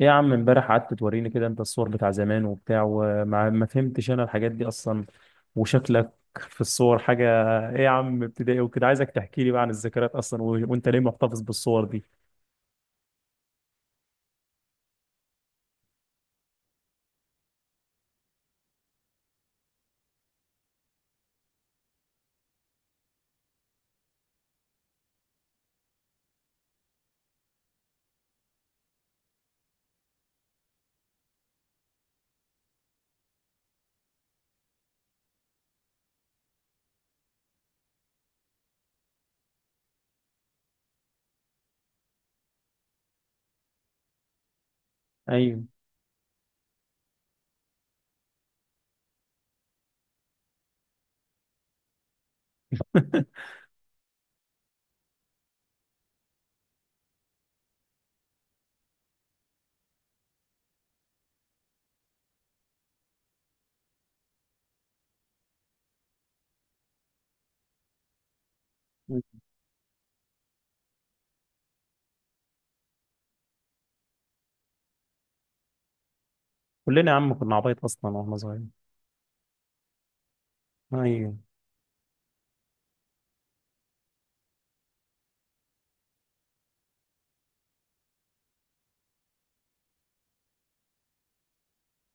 إيه يا عم، امبارح قعدت توريني كده انت الصور بتاع زمان وبتاع، وما ما فهمتش انا الحاجات دي اصلا، وشكلك في الصور حاجة. ايه يا عم، ابتدائي وكده، عايزك تحكي لي بقى عن الذكريات اصلا وانت ليه محتفظ بالصور دي؟ ايوه. كلنا يا عم كنا عبايط اصلا واحنا صغيرين. ايوه.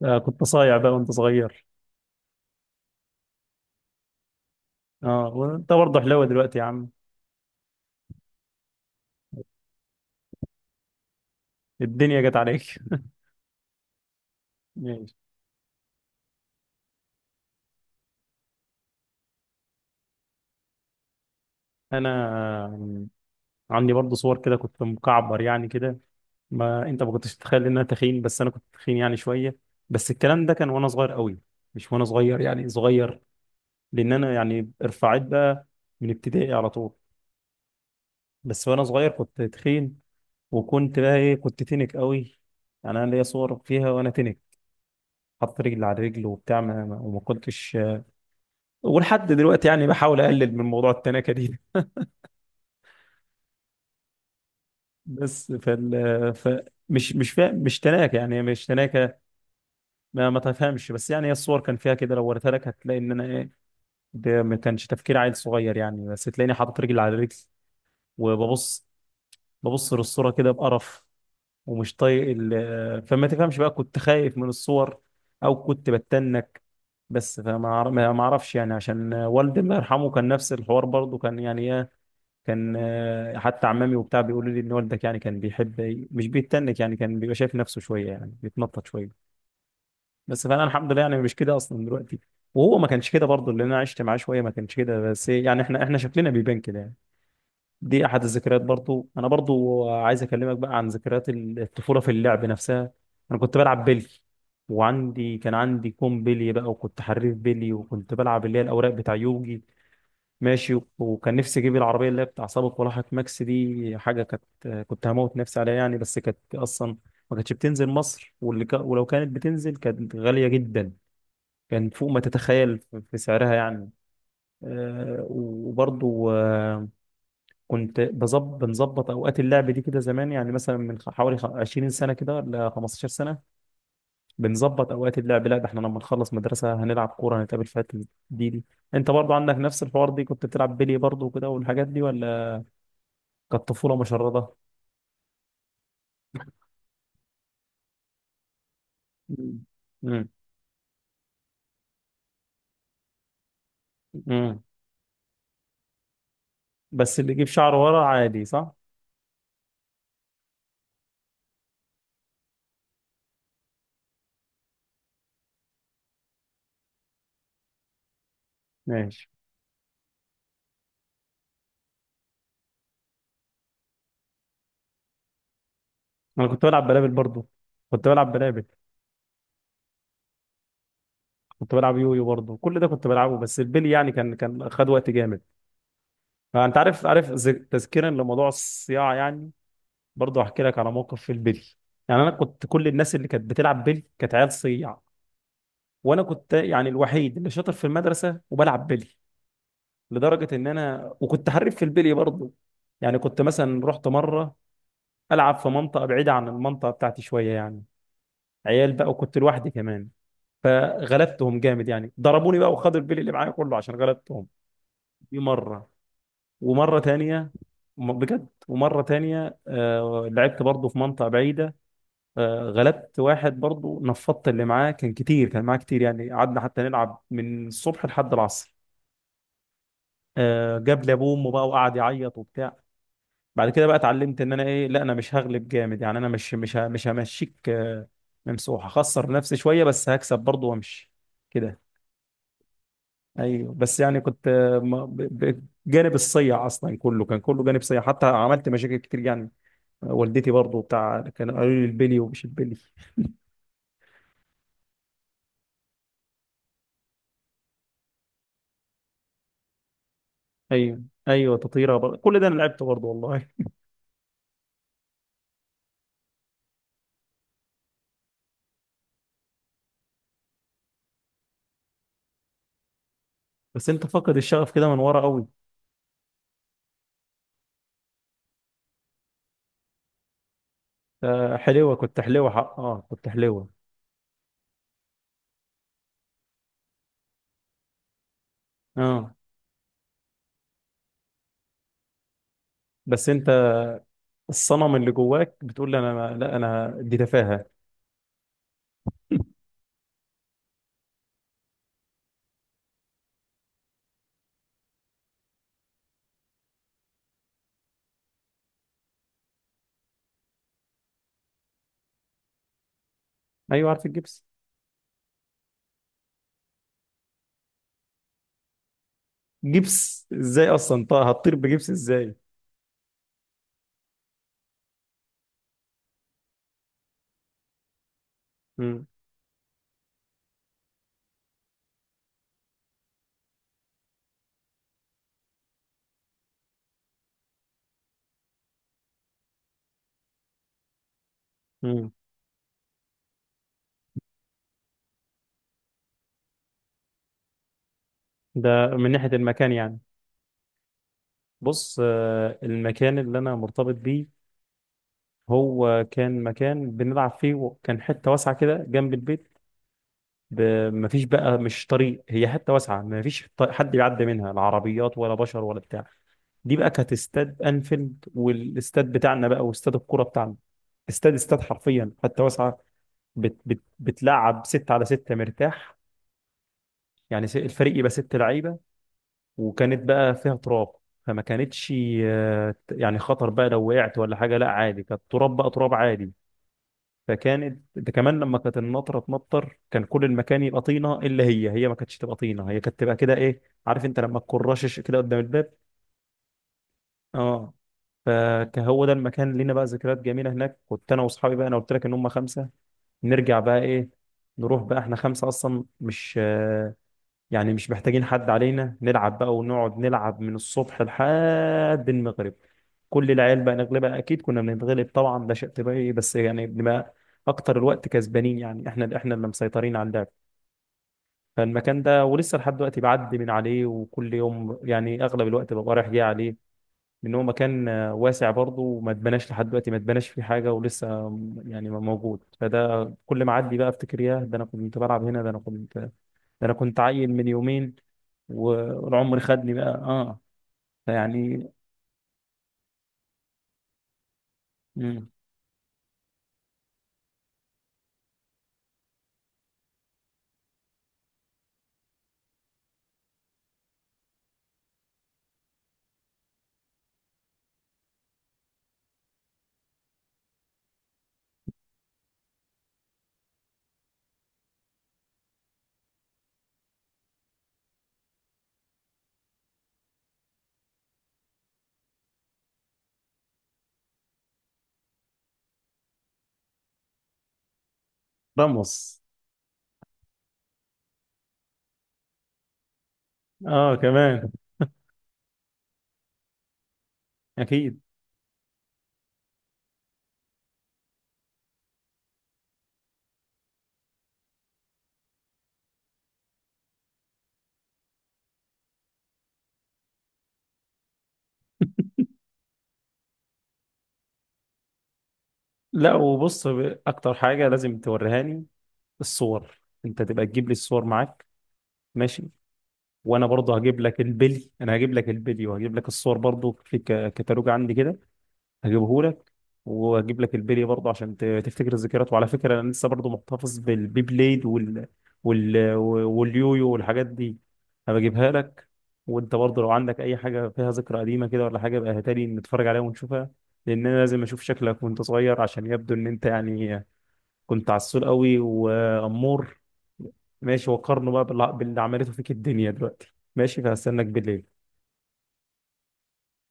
آه، كنت صايع بقى وانت صغير. اه، وانت برضه حلاوة دلوقتي يا عم. الدنيا جت عليك. ماشي. انا عندي برضه صور كده كنت مكعبر يعني كده. ما انت ما كنتش تتخيل ان انا تخين، بس انا كنت تخين يعني شويه. بس الكلام ده كان وانا صغير قوي. مش وانا صغير يعني صغير، لان انا يعني ارفعت بقى من ابتدائي على طول. بس وانا صغير كنت تخين، وكنت بقى ايه، كنت تنك قوي. يعني انا ليا صور فيها وانا تنك، حط رجل على رجل وبتاع وما كنتش. ولحد دلوقتي يعني بحاول اقلل من موضوع التناكه دي. بس فال ف مش تناكه يعني مش تناكه. ما تفهمش، بس يعني هي الصور كان فيها كده، لو وريتها لك هتلاقي ان انا ايه. ده ما كانش تفكير عيل صغير يعني، بس تلاقيني حاطط رجل على رجل وببص للصورة كده بقرف، ومش طايق فما تفهمش بقى كنت خايف من الصور او كنت بتنك. بس فما أعر- ما ما اعرفش، يعني عشان والدي الله يرحمه كان نفس الحوار برضه، كان يعني ايه، كان حتى عمامي وبتاع بيقولوا لي ان والدك يعني كان بيحب، مش بيتنك يعني كان بيبقى شايف نفسه شوية يعني بيتنطط شوية. بس فانا الحمد لله يعني مش كده اصلا دلوقتي، وهو ما كانش كده برضه اللي انا عشت معاه شويه، ما كانش كده، بس يعني احنا شكلنا بيبان كده يعني. دي احد الذكريات. برضه انا برضه عايز اكلمك بقى عن ذكريات الطفوله في اللعب نفسها. انا كنت بلعب بلي، كان عندي كوم بلي بقى، وكنت حريف بلي، وكنت بلعب اللي هي الاوراق بتاع يوجي ماشي. وكان نفسي اجيب العربيه اللي هي بتاع سابق ولاحق ماكس، دي حاجه كانت كنت هموت نفسي عليها يعني، بس كانت اصلا ما كانتش بتنزل مصر، ولو كانت بتنزل كانت غاليه جدا، كان فوق ما تتخيل في سعرها يعني. وبرضو كنت بظبط بنظبط اوقات اللعب دي كده زمان، يعني مثلا حوالي 20 سنه كده ولا 15 سنه بنظبط اوقات اللعب، لا ده احنا لما نخلص مدرسه هنلعب كوره هنتقابل في حته دي. انت برضو عندك نفس الحوار دي؟ كنت بتلعب بلي برضو كده والحاجات دي ولا كانت طفوله مشرده؟ مم. مم. مم. بس اللي يجيب شعره ورا عادي صح. ماشي. انا كنت بلعب بلابل برضو، كنت بلعب بلابل، كنت بلعب يويو برضه، كل ده كنت بلعبه. بس البلي يعني كان خد وقت جامد. فانت عارف تذكيرا لموضوع الصياعه، يعني برضه هحكي لك على موقف في البلي. يعني انا كنت، كل الناس اللي كانت بتلعب بلي كانت عيال صياع، وانا كنت يعني الوحيد اللي شاطر في المدرسه وبلعب بلي، لدرجه ان انا وكنت حريف في البلي برضه. يعني كنت مثلا رحت مره العب في منطقه بعيده عن المنطقه بتاعتي شويه يعني، عيال بقى وكنت لوحدي كمان، فغلبتهم جامد، يعني ضربوني بقى وخدوا البلي اللي معايا كله عشان غلبتهم. دي مره. ومرة تانية بجد، ومرة تانية لعبت برضه في منطقة بعيدة، غلبت واحد برضه، نفضت اللي معاه، كان معاه كتير، يعني قعدنا حتى نلعب من الصبح لحد العصر. جاب لي ابوه وامه بقى وقعد يعيط وبتاع. بعد كده بقى اتعلمت ان انا ايه، لا انا مش هغلب جامد، يعني انا مش همشيك. ممسوح، هخسر نفسي شوية بس هكسب برضه وامشي كده. ايوه، بس يعني كنت جانب الصيع اصلا كله، كان كله جانب صيع، حتى عملت مشاكل كتير يعني. والدتي برضو بتاع كانوا قالوا لي البلي ومش البلي. ايوه ايوه تطيره كل ده انا لعبته برضو والله. بس انت فاقد الشغف كده من ورا قوي. حلوه كنت حلوه، حق اه كنت حلوه. اه. بس انت الصنم اللي جواك بتقول لي انا ما... لا انا دي تفاهه. ايوه عارف الجبس. جبس ازاي اصلا؟ طه هتطير بجبس ازاي؟ مم. مم. ده من ناحيه المكان يعني. بص، المكان اللي انا مرتبط بيه هو كان مكان بنلعب فيه، وكان حته واسعه كده جنب البيت. مفيش بقى، مش طريق، هي حته واسعه، مفيش حد بيعدي منها، لا عربيات ولا بشر ولا بتاع. دي بقى كانت استاد انفيلد والاستاد بتاعنا بقى، واستاد الكوره بتاعنا. استاد استاد حرفيا حتى، واسعه بت بت بتلعب ستة على ستة مرتاح، يعني الفريق يبقى ست لعيبه. وكانت بقى فيها تراب، فما كانتش يعني خطر بقى لو وقعت ولا حاجه، لا عادي، كانت تراب بقى، تراب عادي. فكانت ده كمان، لما كانت النطره تنطر كان كل المكان يبقى طينه، الا هي ما كانتش تبقى طينه، هي كانت تبقى كده ايه، عارف انت لما تكون رشش كده قدام الباب. اه. فهو ده المكان، لينا بقى ذكريات جميله هناك. كنت انا واصحابي بقى، انا قلت لك ان هم خمسه، نرجع بقى ايه، نروح بقى احنا خمسه اصلا، مش يعني مش محتاجين حد علينا، نلعب بقى ونقعد نلعب من الصبح لحد المغرب. كل العيال بقى نغلبها، اكيد كنا بنتغلب طبعا، ده شيء طبيعي، بس يعني بنبقى اكتر الوقت كسبانين، يعني احنا اللي مسيطرين على اللعب. فالمكان ده ولسه لحد دلوقتي بعدي من عليه، وكل يوم يعني اغلب الوقت ببقى رايح جاي عليه، لان هو مكان واسع برضه، وما اتبناش لحد دلوقتي، ما اتبناش فيه حاجه، ولسه يعني موجود. فده كل ما اعدي بقى افتكر، ياه ده انا كنت بلعب هنا، ده انا كنت، ده انا كنت عيل من يومين و- والعمر خدني بقى، اه. فيعني. مم. رمص. اه كمان. اكيد. لا وبص، اكتر حاجه لازم توريهاني الصور، انت تبقى تجيب لي الصور معاك ماشي. وانا برضه هجيب لك البلي، انا هجيب لك البلي وهجيب لك الصور برضه، في كتالوج عندي كده هجيبه لك. واجيب لك البلي برضه عشان تفتكر الذكريات. وعلى فكره انا لسه برضه محتفظ بالبي بليد وال... واليويو والحاجات دي، هبجيبها لك. وانت برضه لو عندك اي حاجه فيها ذكرى قديمه كده ولا حاجه بقى هاتها لي نتفرج عليها ونشوفها، لان انا لازم اشوف شكلك وانت صغير، عشان يبدو ان انت يعني كنت عسول قوي وامور. ماشي، وقارنه بقى باللي عملته فيك الدنيا دلوقتي. ماشي، فهستناك بالليل.